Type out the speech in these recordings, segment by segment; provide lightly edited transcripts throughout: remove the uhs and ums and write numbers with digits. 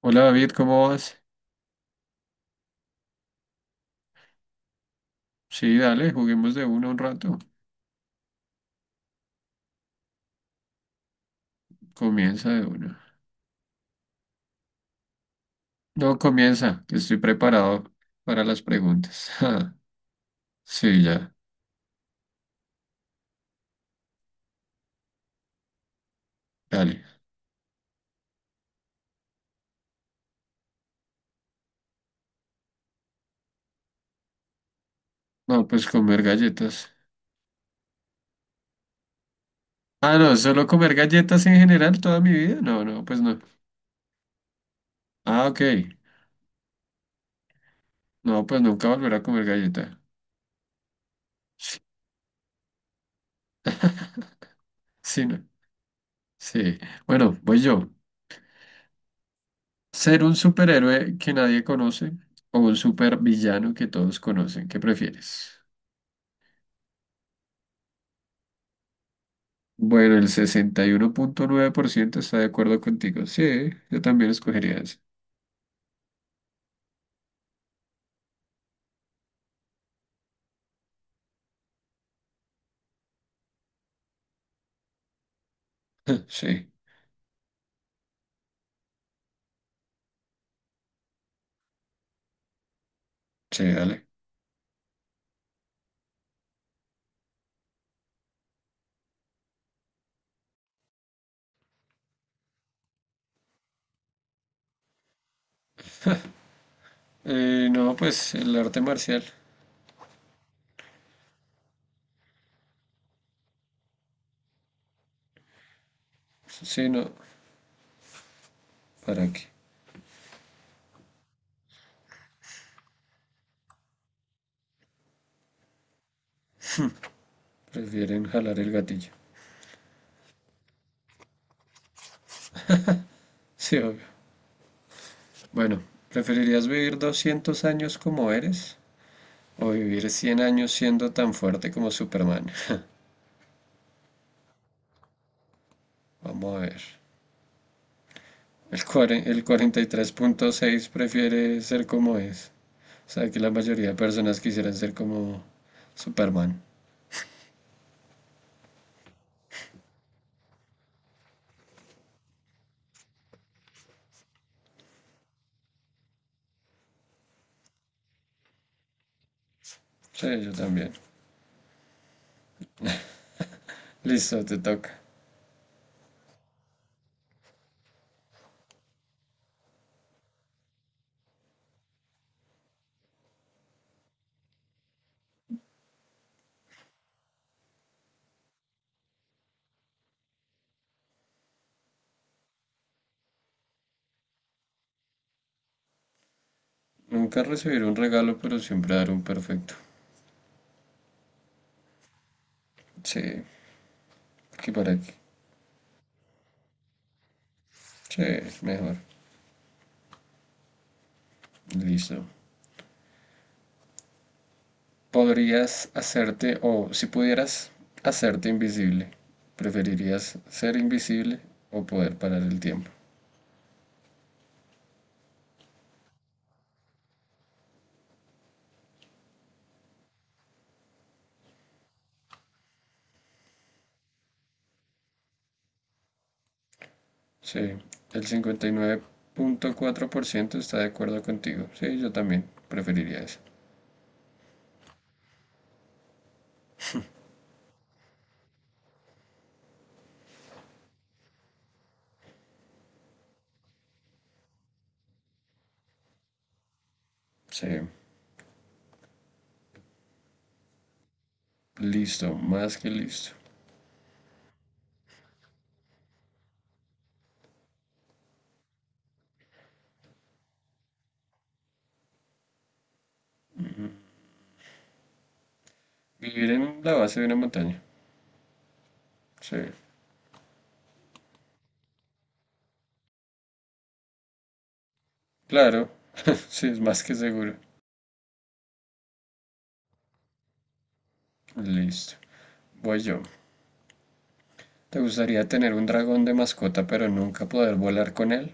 Hola David, ¿cómo vas? Sí, dale, juguemos de uno un rato. Comienza de uno. No, comienza, que estoy preparado para las preguntas. Sí, ya, dale. No, pues comer galletas. Ah, no, solo comer galletas en general toda mi vida. No, no, pues no. Ah, ok. No, pues nunca volveré a comer galleta. Sí, no. Sí. Bueno, voy yo. ¿Ser un superhéroe que nadie conoce o un supervillano que todos conocen? ¿Qué prefieres? Bueno, el 61.9% está de acuerdo contigo. Sí, yo también escogería eso. Sí, sí, dale. No, pues el arte marcial. Sí, no. ¿Para qué? Prefieren jalar el gatillo. Sí, obvio. Bueno, ¿preferirías vivir 200 años como eres o vivir 100 años siendo tan fuerte como Superman? Vamos a ver. El 43.6 prefiere ser como es. O sea, que la mayoría de personas quisieran ser como Superman. Sí, yo también. Listo, te toca. Nunca recibir un regalo, pero siempre dar un perfecto. Sí, aquí para aquí. Sí, es mejor. Listo. ¿Podrías hacerte, o si pudieras hacerte invisible, preferirías ser invisible o poder parar el tiempo? Sí, el 59.4% está de acuerdo contigo. Sí, yo también preferiría eso. Sí, listo, más que listo. Vivir en la base de una montaña. Sí, claro, sí, es más que seguro. Listo. Voy yo. ¿Te gustaría tener un dragón de mascota pero nunca poder volar con él?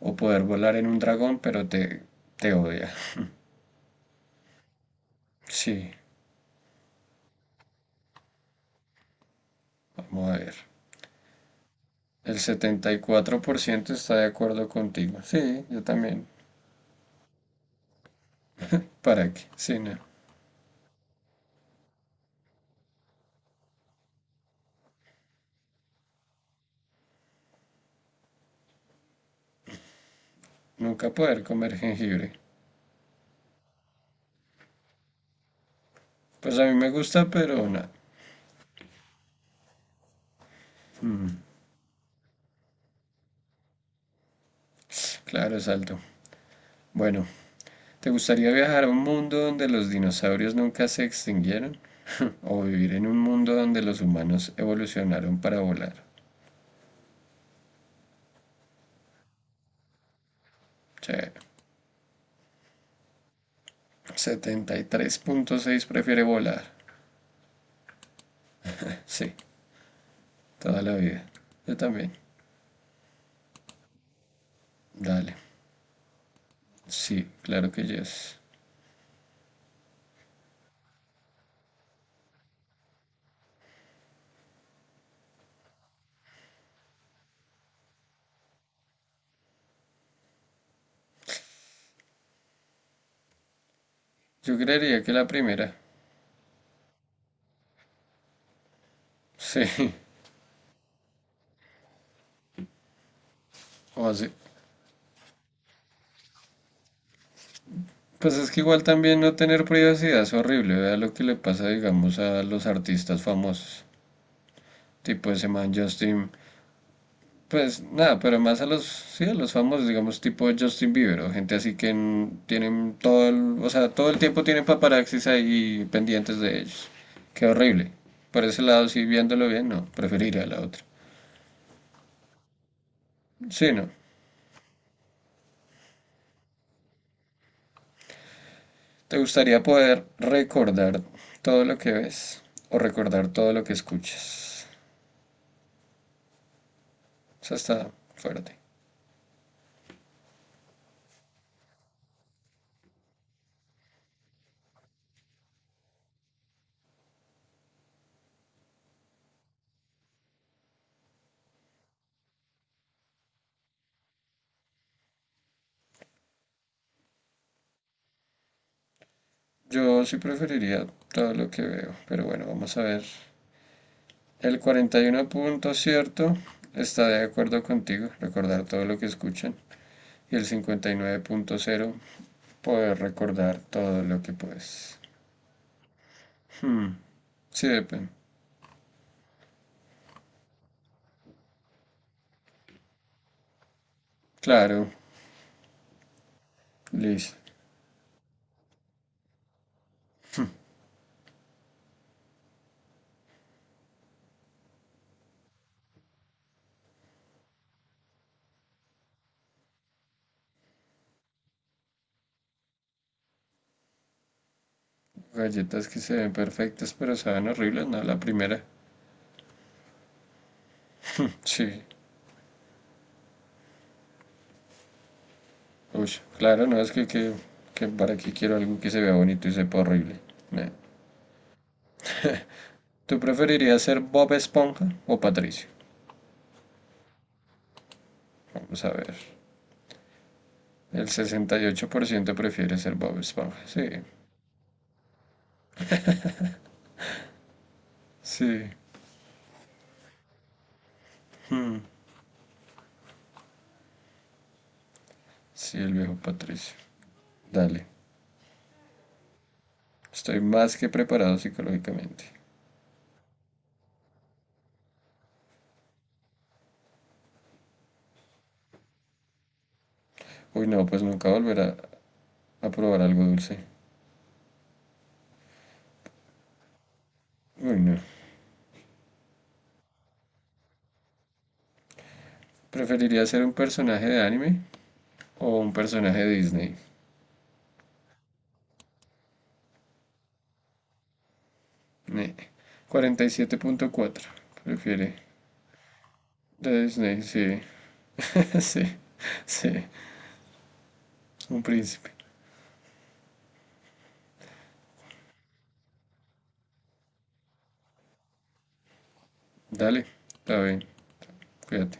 ¿O poder volar en un dragón pero te odia? Sí, vamos a ver. El 74% está de acuerdo contigo. Sí, yo también. ¿Para qué? Sí, no. Nunca poder comer jengibre. Pues a mí me gusta, pero nada. Mm, claro, es alto. Bueno, ¿te gustaría viajar a un mundo donde los dinosaurios nunca se extinguieron? ¿O vivir en un mundo donde los humanos evolucionaron para volar? Che, 73.6 prefiere volar. Sí, toda la vida. Yo también. Dale. Sí, claro que yes. Yo creería que la primera. Sí, o así. Pues es que igual también no tener privacidad es horrible. Vea lo que le pasa, digamos, a los artistas famosos. Tipo ese man Justin. Pues nada, pero más a los, sí, a los famosos, digamos, tipo Justin Bieber o gente así que en- tienen todo el tiempo tienen paparazzis ahí pendientes de ellos. Qué horrible. Por ese lado, sí, viéndolo bien, no, preferiría la otra. Sí, no. ¿Te gustaría poder recordar todo lo que ves o recordar todo lo que escuchas? O sea, está fuerte. Yo sí preferiría todo lo que veo, pero bueno, vamos a ver. El 41. cierto está de acuerdo contigo, recordar todo lo que escuchan. Y el 59.0 poder recordar todo lo que puedes. Hmm, sí, depende. Claro, listo. Galletas que se ven perfectas pero saben horribles, ¿no? La primera. Sí. Uy, claro, no es que para qué quiero algo que se vea bonito y sepa horrible. No. ¿Tú preferirías ser Bob Esponja o Patricio? Vamos a ver. El 68% prefiere ser Bob Esponja. Sí, sí, sí, el viejo Patricio. Dale, estoy más que preparado psicológicamente. Uy, no, pues nunca volverá a probar algo dulce. Uy, no. ¿Preferiría ser un personaje de anime o un personaje de Disney? Ne. 47.4. Prefiere de Disney, sí. Sí, sí. Un príncipe. Dale, está bien. Cuídate.